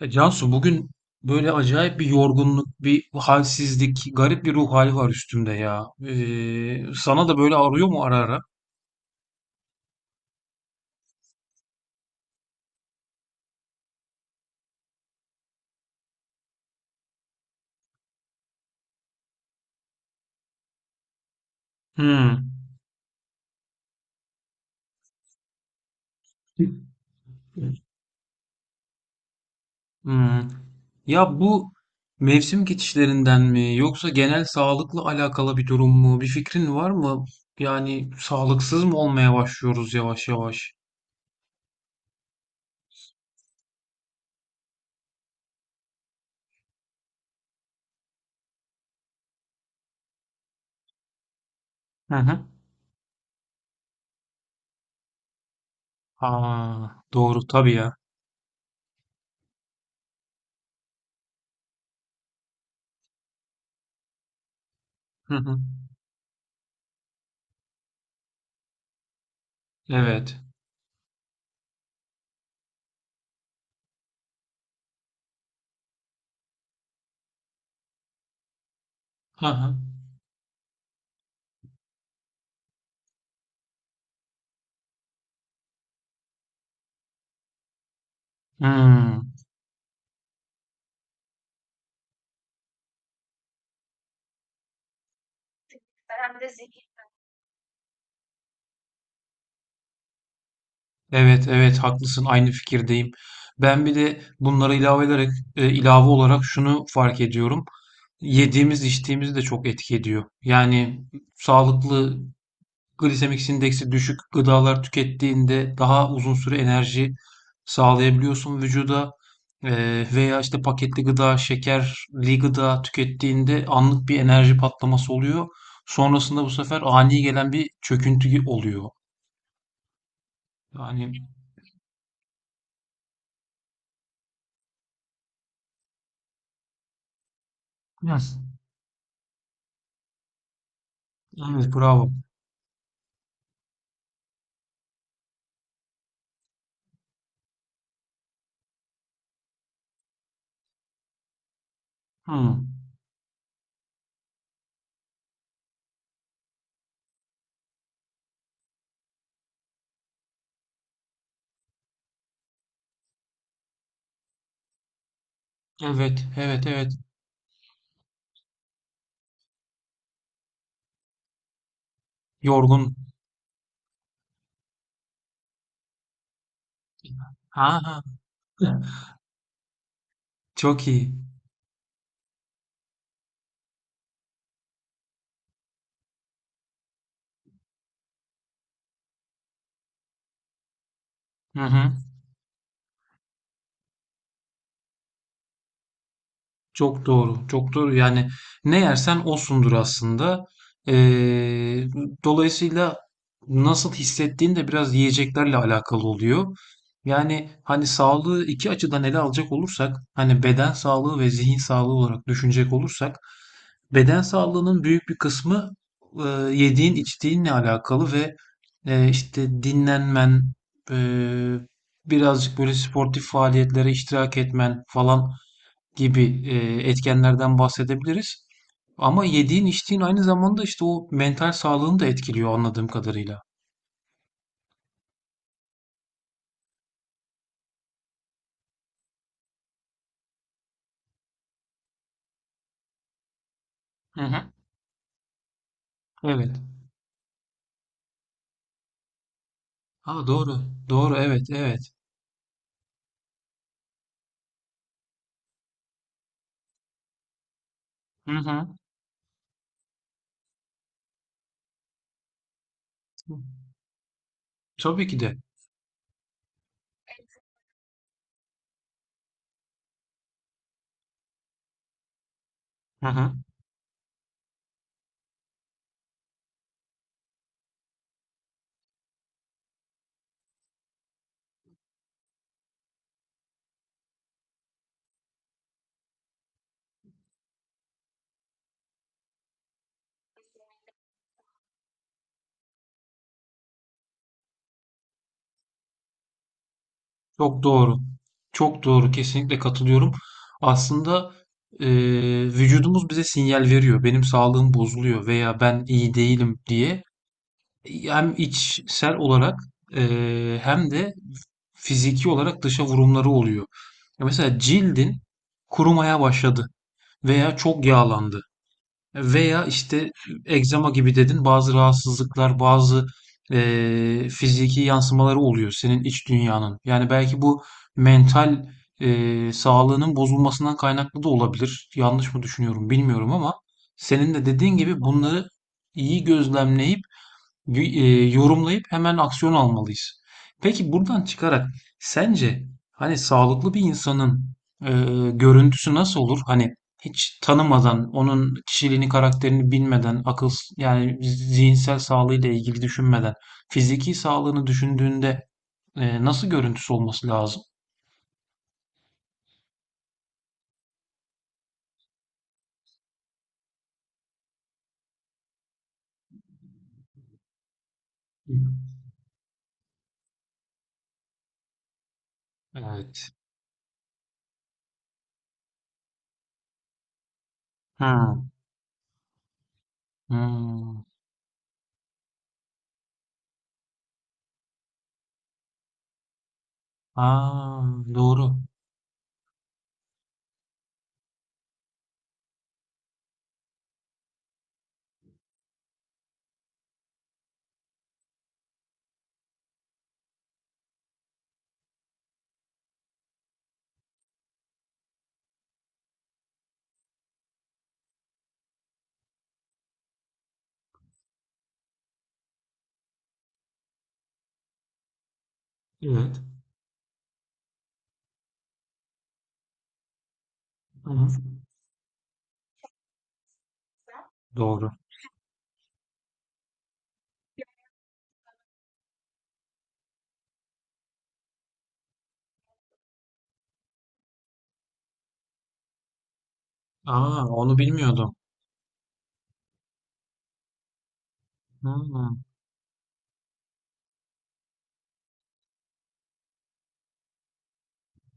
Ya Cansu bugün böyle acayip bir yorgunluk, bir halsizlik, garip bir ruh hali var üstümde ya. Sana da böyle ağrıyor mu ara ara? Hmm. Hmm. Ya bu mevsim geçişlerinden mi yoksa genel sağlıkla alakalı bir durum mu? Bir fikrin var mı? Yani sağlıksız mı olmaya başlıyoruz yavaş yavaş? Hı hı. Aa, doğru tabii ya. Hı hı. Evet. Hı hı. Hmm. Evet, evet haklısın, aynı fikirdeyim. Ben bir de bunlara ilave ederek ilave olarak şunu fark ediyorum. Yediğimiz içtiğimiz de çok etki ediyor. Yani sağlıklı glisemik indeksi düşük gıdalar tükettiğinde daha uzun süre enerji sağlayabiliyorsun vücuda. Veya işte paketli gıda, şekerli gıda tükettiğinde anlık bir enerji patlaması oluyor. Sonrasında bu sefer ani gelen bir çöküntü oluyor. Yani biraz. Evet, bravo. Hmm. Evet, evet, evet. Yorgun. Ha ha. Çok iyi. Hı hı. Çok doğru, çok doğru. Yani ne yersen osundur aslında. Ee, Dolayısıyla nasıl hissettiğin de biraz yiyeceklerle alakalı oluyor. Yani hani sağlığı iki açıdan ele alacak olursak, hani beden sağlığı ve zihin sağlığı olarak düşünecek olursak, beden sağlığının büyük bir kısmı e, yediğin, içtiğinle alakalı ve işte dinlenmen, e, birazcık böyle sportif faaliyetlere iştirak etmen falan gibi etkenlerden bahsedebiliriz. Ama yediğin içtiğin aynı zamanda işte o mental sağlığını da etkiliyor anladığım kadarıyla. Hı hı. Evet. Aa, doğru. Doğru. Evet. Evet. Hı hı. Tabii ki de. Hı hı. Çok doğru. Çok doğru. Kesinlikle katılıyorum. Aslında e, vücudumuz bize sinyal veriyor. Benim sağlığım bozuluyor veya ben iyi değilim diye. Hem içsel olarak hem de fiziki olarak dışa vurumları oluyor. Ya mesela cildin kurumaya başladı veya çok yağlandı veya işte egzama gibi dedin, bazı rahatsızlıklar, bazı fiziki yansımaları oluyor senin iç dünyanın. Yani belki bu mental sağlığının bozulmasından kaynaklı da olabilir. Yanlış mı düşünüyorum bilmiyorum ama senin de dediğin gibi bunları iyi gözlemleyip yorumlayıp hemen aksiyon almalıyız. Peki buradan çıkarak sence hani sağlıklı bir insanın e, görüntüsü nasıl olur? Hani hiç tanımadan, onun kişiliğini, karakterini bilmeden, akıl, yani zihinsel sağlığıyla ilgili düşünmeden, fiziki sağlığını düşündüğünde nasıl görüntüsü olması lazım? Evet. Hmm. Hmm. Aa, doğru. Evet. Hı hı. Doğru. Aa, onu bilmiyordum. Hmm.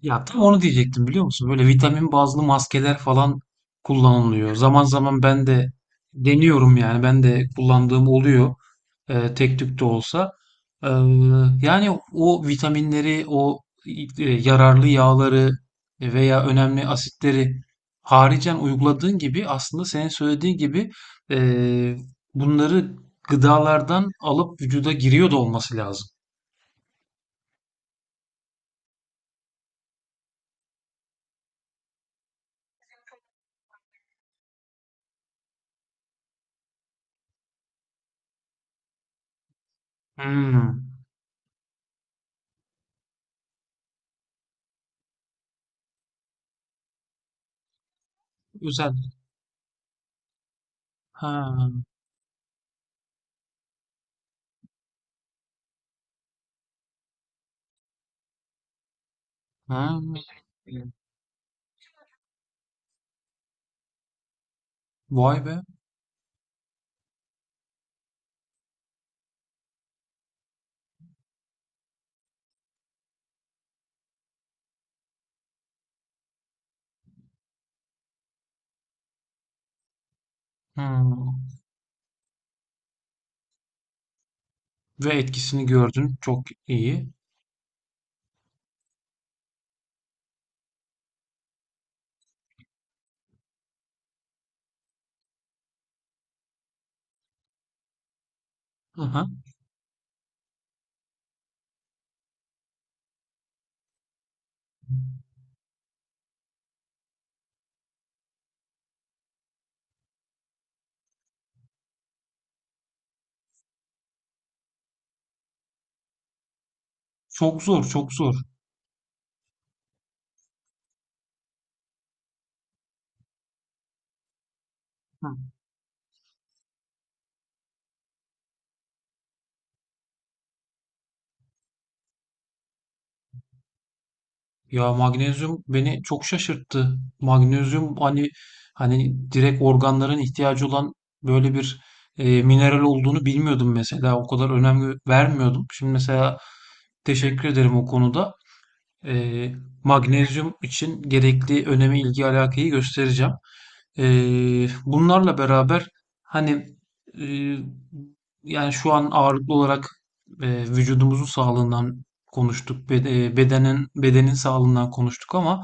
Ya tam onu diyecektim biliyor musun? Böyle vitamin bazlı maskeler falan kullanılıyor. Zaman zaman ben de deniyorum yani. Ben de kullandığım oluyor. Tek tük de olsa. Ee, Yani o vitaminleri, o yararlı yağları veya önemli asitleri haricen uyguladığın gibi aslında senin söylediğin gibi e, bunları gıdalardan alıp vücuda giriyor da olması lazım. Hmm. Güzel. Ha. Ha. Vay be. Hıı. Ve etkisini gördün. Çok iyi. Hı hı. Çok zor, çok zor. Hı. Ya magnezyum beni çok şaşırttı. Magnezyum hani direkt organların ihtiyacı olan böyle bir mineral olduğunu bilmiyordum mesela. O kadar önem gö- vermiyordum. Şimdi mesela teşekkür ederim o konuda. Eee, Magnezyum için gerekli önemi, ilgi, alakayı göstereceğim. Bunlarla beraber hani eee, yani şu an ağırlıklı olarak vücudumuzun sağlığından konuştuk, bedenin sağlığından konuştuk ama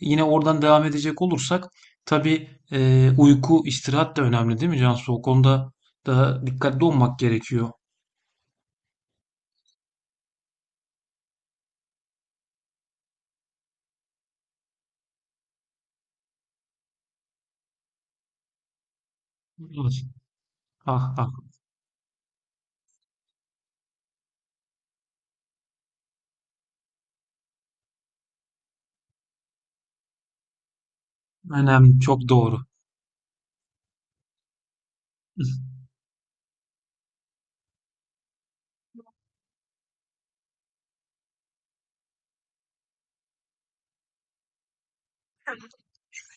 yine oradan devam edecek olursak tabii uyku, istirahat da önemli değil mi Cansu? O konuda da dikkatli olmak gerekiyor. Evet. Ah ah, önemli, çok doğru.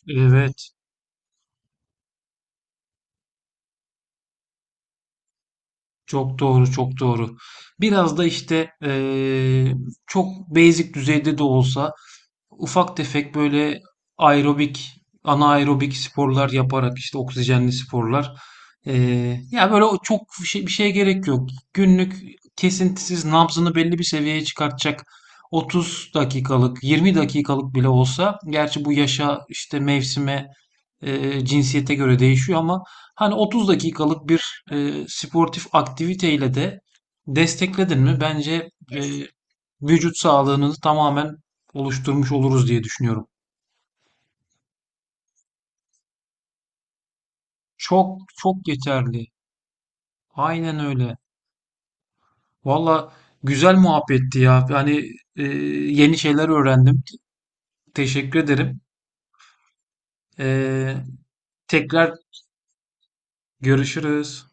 Evet. Çok doğru, çok doğru. Biraz da işte çok basic düzeyde de olsa ufak tefek böyle aerobik, anaerobik sporlar yaparak, işte oksijenli sporlar. Ya böyle o çok bir şey, bir şeye gerek yok. Günlük kesintisiz nabzını belli bir seviyeye çıkartacak 30 dakikalık, 20 dakikalık bile olsa, gerçi bu yaşa, işte mevsime, cinsiyete göre değişiyor ama hani 30 dakikalık bir sportif aktiviteyle de destekledin mi bence vücut sağlığını tamamen oluşturmuş oluruz diye düşünüyorum. Çok çok yeterli. Aynen öyle. Valla güzel muhabbetti ya. Yani yeni şeyler öğrendim. Teşekkür ederim. E, Tekrar görüşürüz.